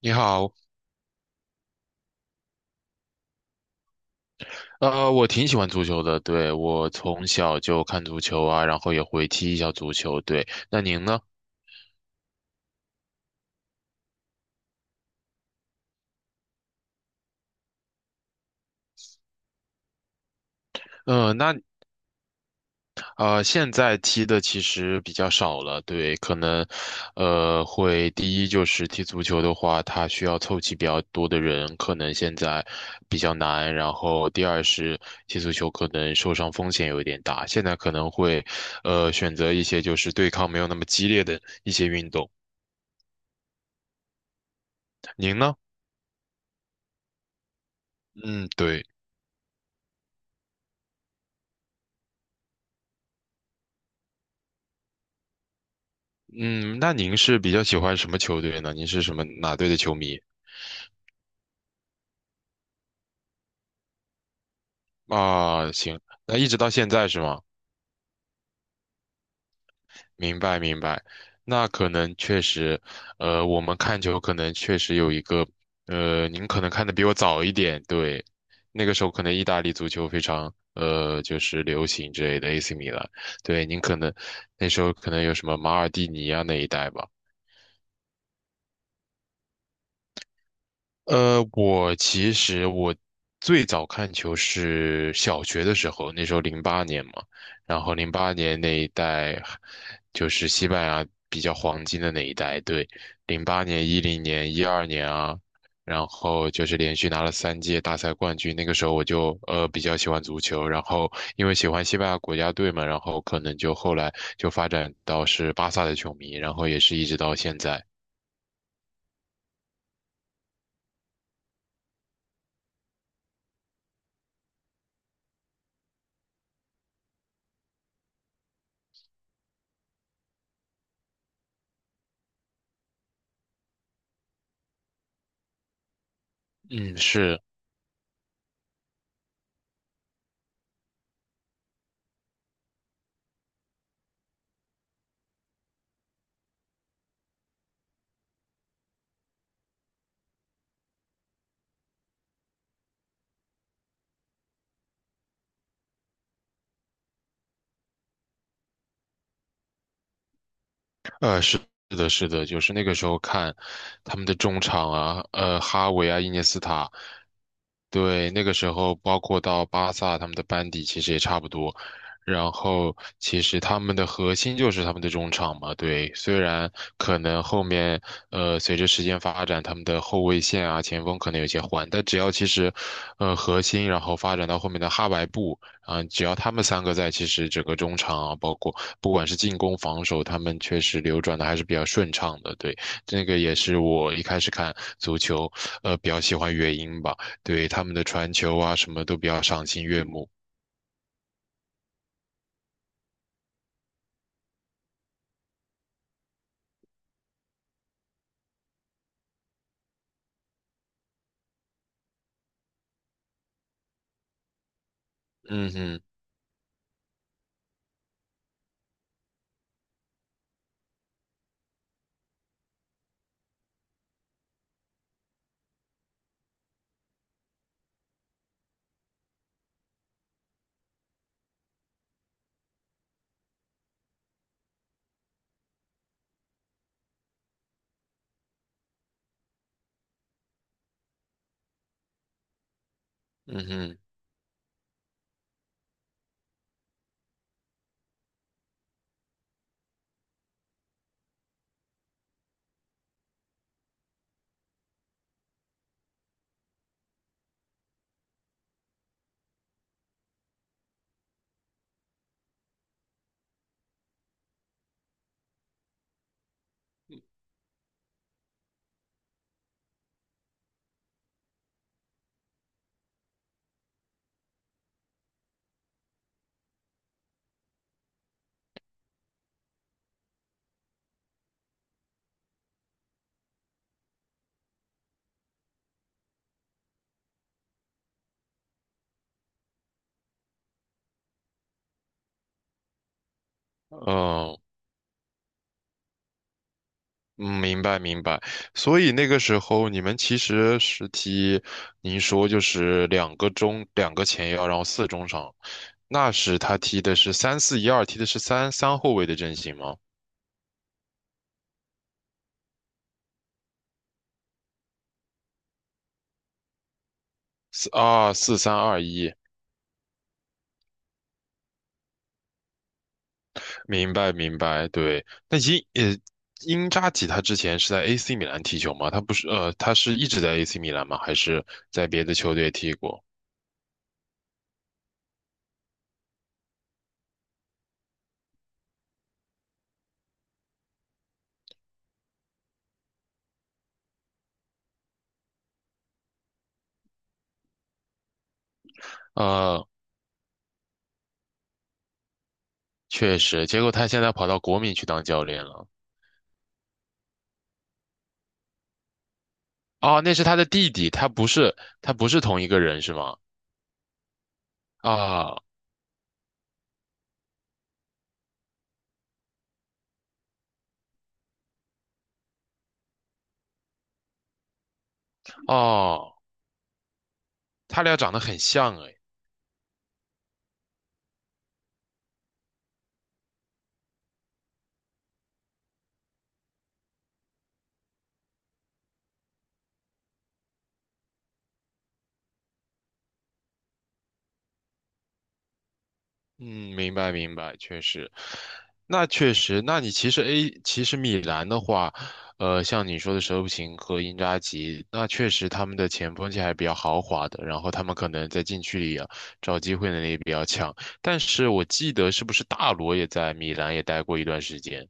你好。我挺喜欢足球的，对，我从小就看足球啊，然后也会踢一下足球，对。那您呢？呃，那现在踢的其实比较少了，对，可能，会第一就是踢足球的话，它需要凑齐比较多的人，可能现在比较难。然后第二是踢足球可能受伤风险有一点大，现在可能会，选择一些就是对抗没有那么激烈的一些运动。您呢？嗯，对。嗯，那您是比较喜欢什么球队呢？您是什么哪队的球迷啊？行，那一直到现在是吗？明白明白，那可能确实，我们看球可能确实有一个，您可能看的比我早一点，对，那个时候可能意大利足球非常，就是流行之类的 AC 米兰，对，您可能那时候可能有什么马尔蒂尼啊那一代吧。我其实我最早看球是小学的时候，那时候零八年嘛，然后零八年那一代就是西班牙比较黄金的那一代，对，零八年、10年、12年啊，然后就是连续拿了3届大赛冠军。那个时候我就比较喜欢足球，然后因为喜欢西班牙国家队嘛，然后可能就后来就发展到是巴萨的球迷，然后也是一直到现在。嗯，是。是的，是的，就是那个时候看他们的中场啊，哈维啊，伊涅斯塔，对，那个时候包括到巴萨他们的班底其实也差不多，然后其实他们的核心就是他们的中场嘛，对，虽然可能后面随着时间发展，他们的后卫线啊前锋可能有些换，但只要其实核心，然后发展到后面的哈白布。啊，只要他们三个在，其实整个中场啊，包括不管是进攻、防守，他们确实流转的还是比较顺畅的。对，这个也是我一开始看足球，比较喜欢原因吧。对，他们的传球啊，什么都比较赏心悦目。嗯哼，嗯哼，哦，嗯，明白明白。所以那个时候你们其实是踢，您说就是两个中两个前腰，然后4中场。那时他踢的是3-4-1-2，踢的是三后卫的阵型吗？四啊，4-3-2-1。明白明白，对。呃，英扎吉他之前是在 AC 米兰踢球吗？他不是呃，他是一直在 AC 米兰吗？还是在别的球队踢过？呃，确实，结果他现在跑到国米去当教练了。哦，那是他的弟弟，他不是同一个人是吗？啊，哦，他俩长得很像。嗯，明白明白，确实，那确实，那你其实米兰的话，像你说的舍甫琴和因扎吉，那确实他们的前锋线还是比较豪华的，然后他们可能在禁区里啊找机会能力也比较强，但是我记得是不是大罗也在米兰也待过一段时间？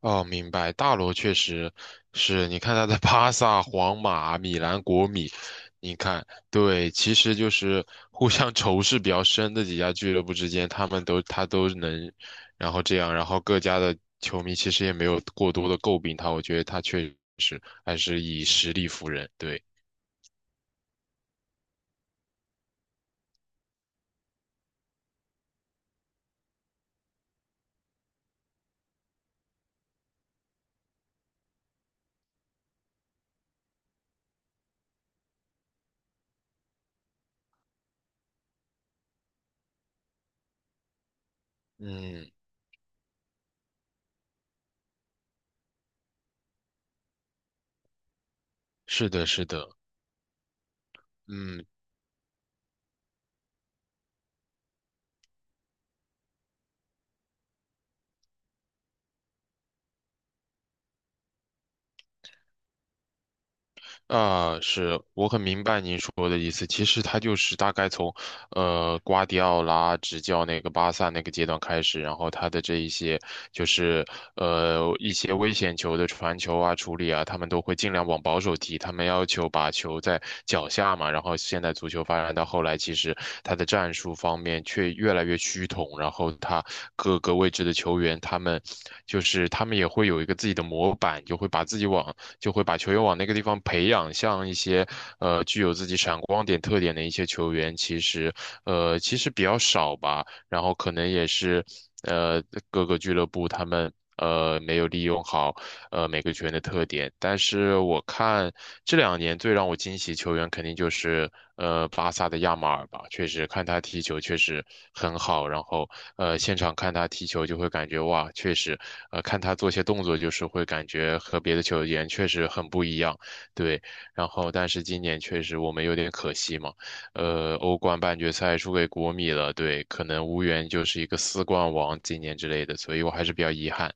哦，明白。大罗确实是，你看他的巴萨、皇马、米兰、国米，你看，对，其实就是互相仇视比较深的几家俱乐部之间，他都能，然后这样，然后各家的球迷其实也没有过多的诟病他，我觉得他确实还是以实力服人。对，嗯，是的，是的，嗯，啊，是我很明白您说的意思。其实他就是大概从，瓜迪奥拉执教那个巴萨那个阶段开始，然后他的这一些就是一些危险球的传球啊、处理啊，他们都会尽量往保守踢。他们要求把球在脚下嘛。然后现在足球发展到后来，其实他的战术方面却越来越趋同。然后他各个位置的球员，他们也会有一个自己的模板，就会把自己往。就会把球员往那个地方培养。像一些具有自己闪光点特点的一些球员，其实比较少吧。然后可能也是呃各个俱乐部他们没有利用好每个球员的特点。但是我看这两年最让我惊喜球员肯定就是巴萨的亚马尔吧，确实看他踢球确实很好，然后现场看他踢球就会感觉哇，确实看他做些动作就是会感觉和别的球员确实很不一样，对。然后但是今年确实我们有点可惜嘛。欧冠半决赛输给国米了，对，可能无缘就是一个4冠王今年之类的，所以我还是比较遗憾。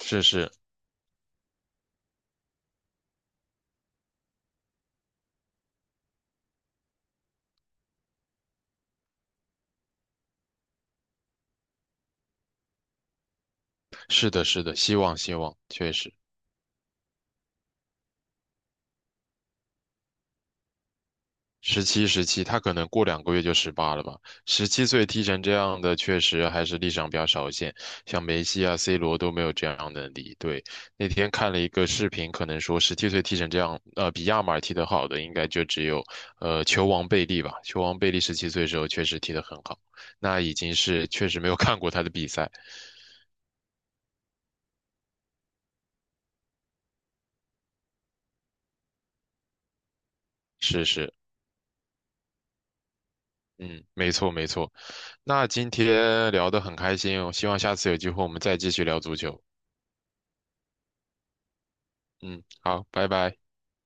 是是，是的，是的，希望希望，确实，十七十七，他可能过2个月就18了吧。十七岁踢成这样的，确实还是历史上比较少见，像梅西啊、C 罗都没有这样的能力。对，那天看了一个视频，可能说十七岁踢成这样，比亚马尔踢得好的，应该就只有球王贝利吧。球王贝利十七岁的时候确实踢得很好，那已经是确实没有看过他的比赛。是是，嗯，没错没错。那今天聊得很开心哦，希望下次有机会我们再继续聊足球。嗯，好，拜拜。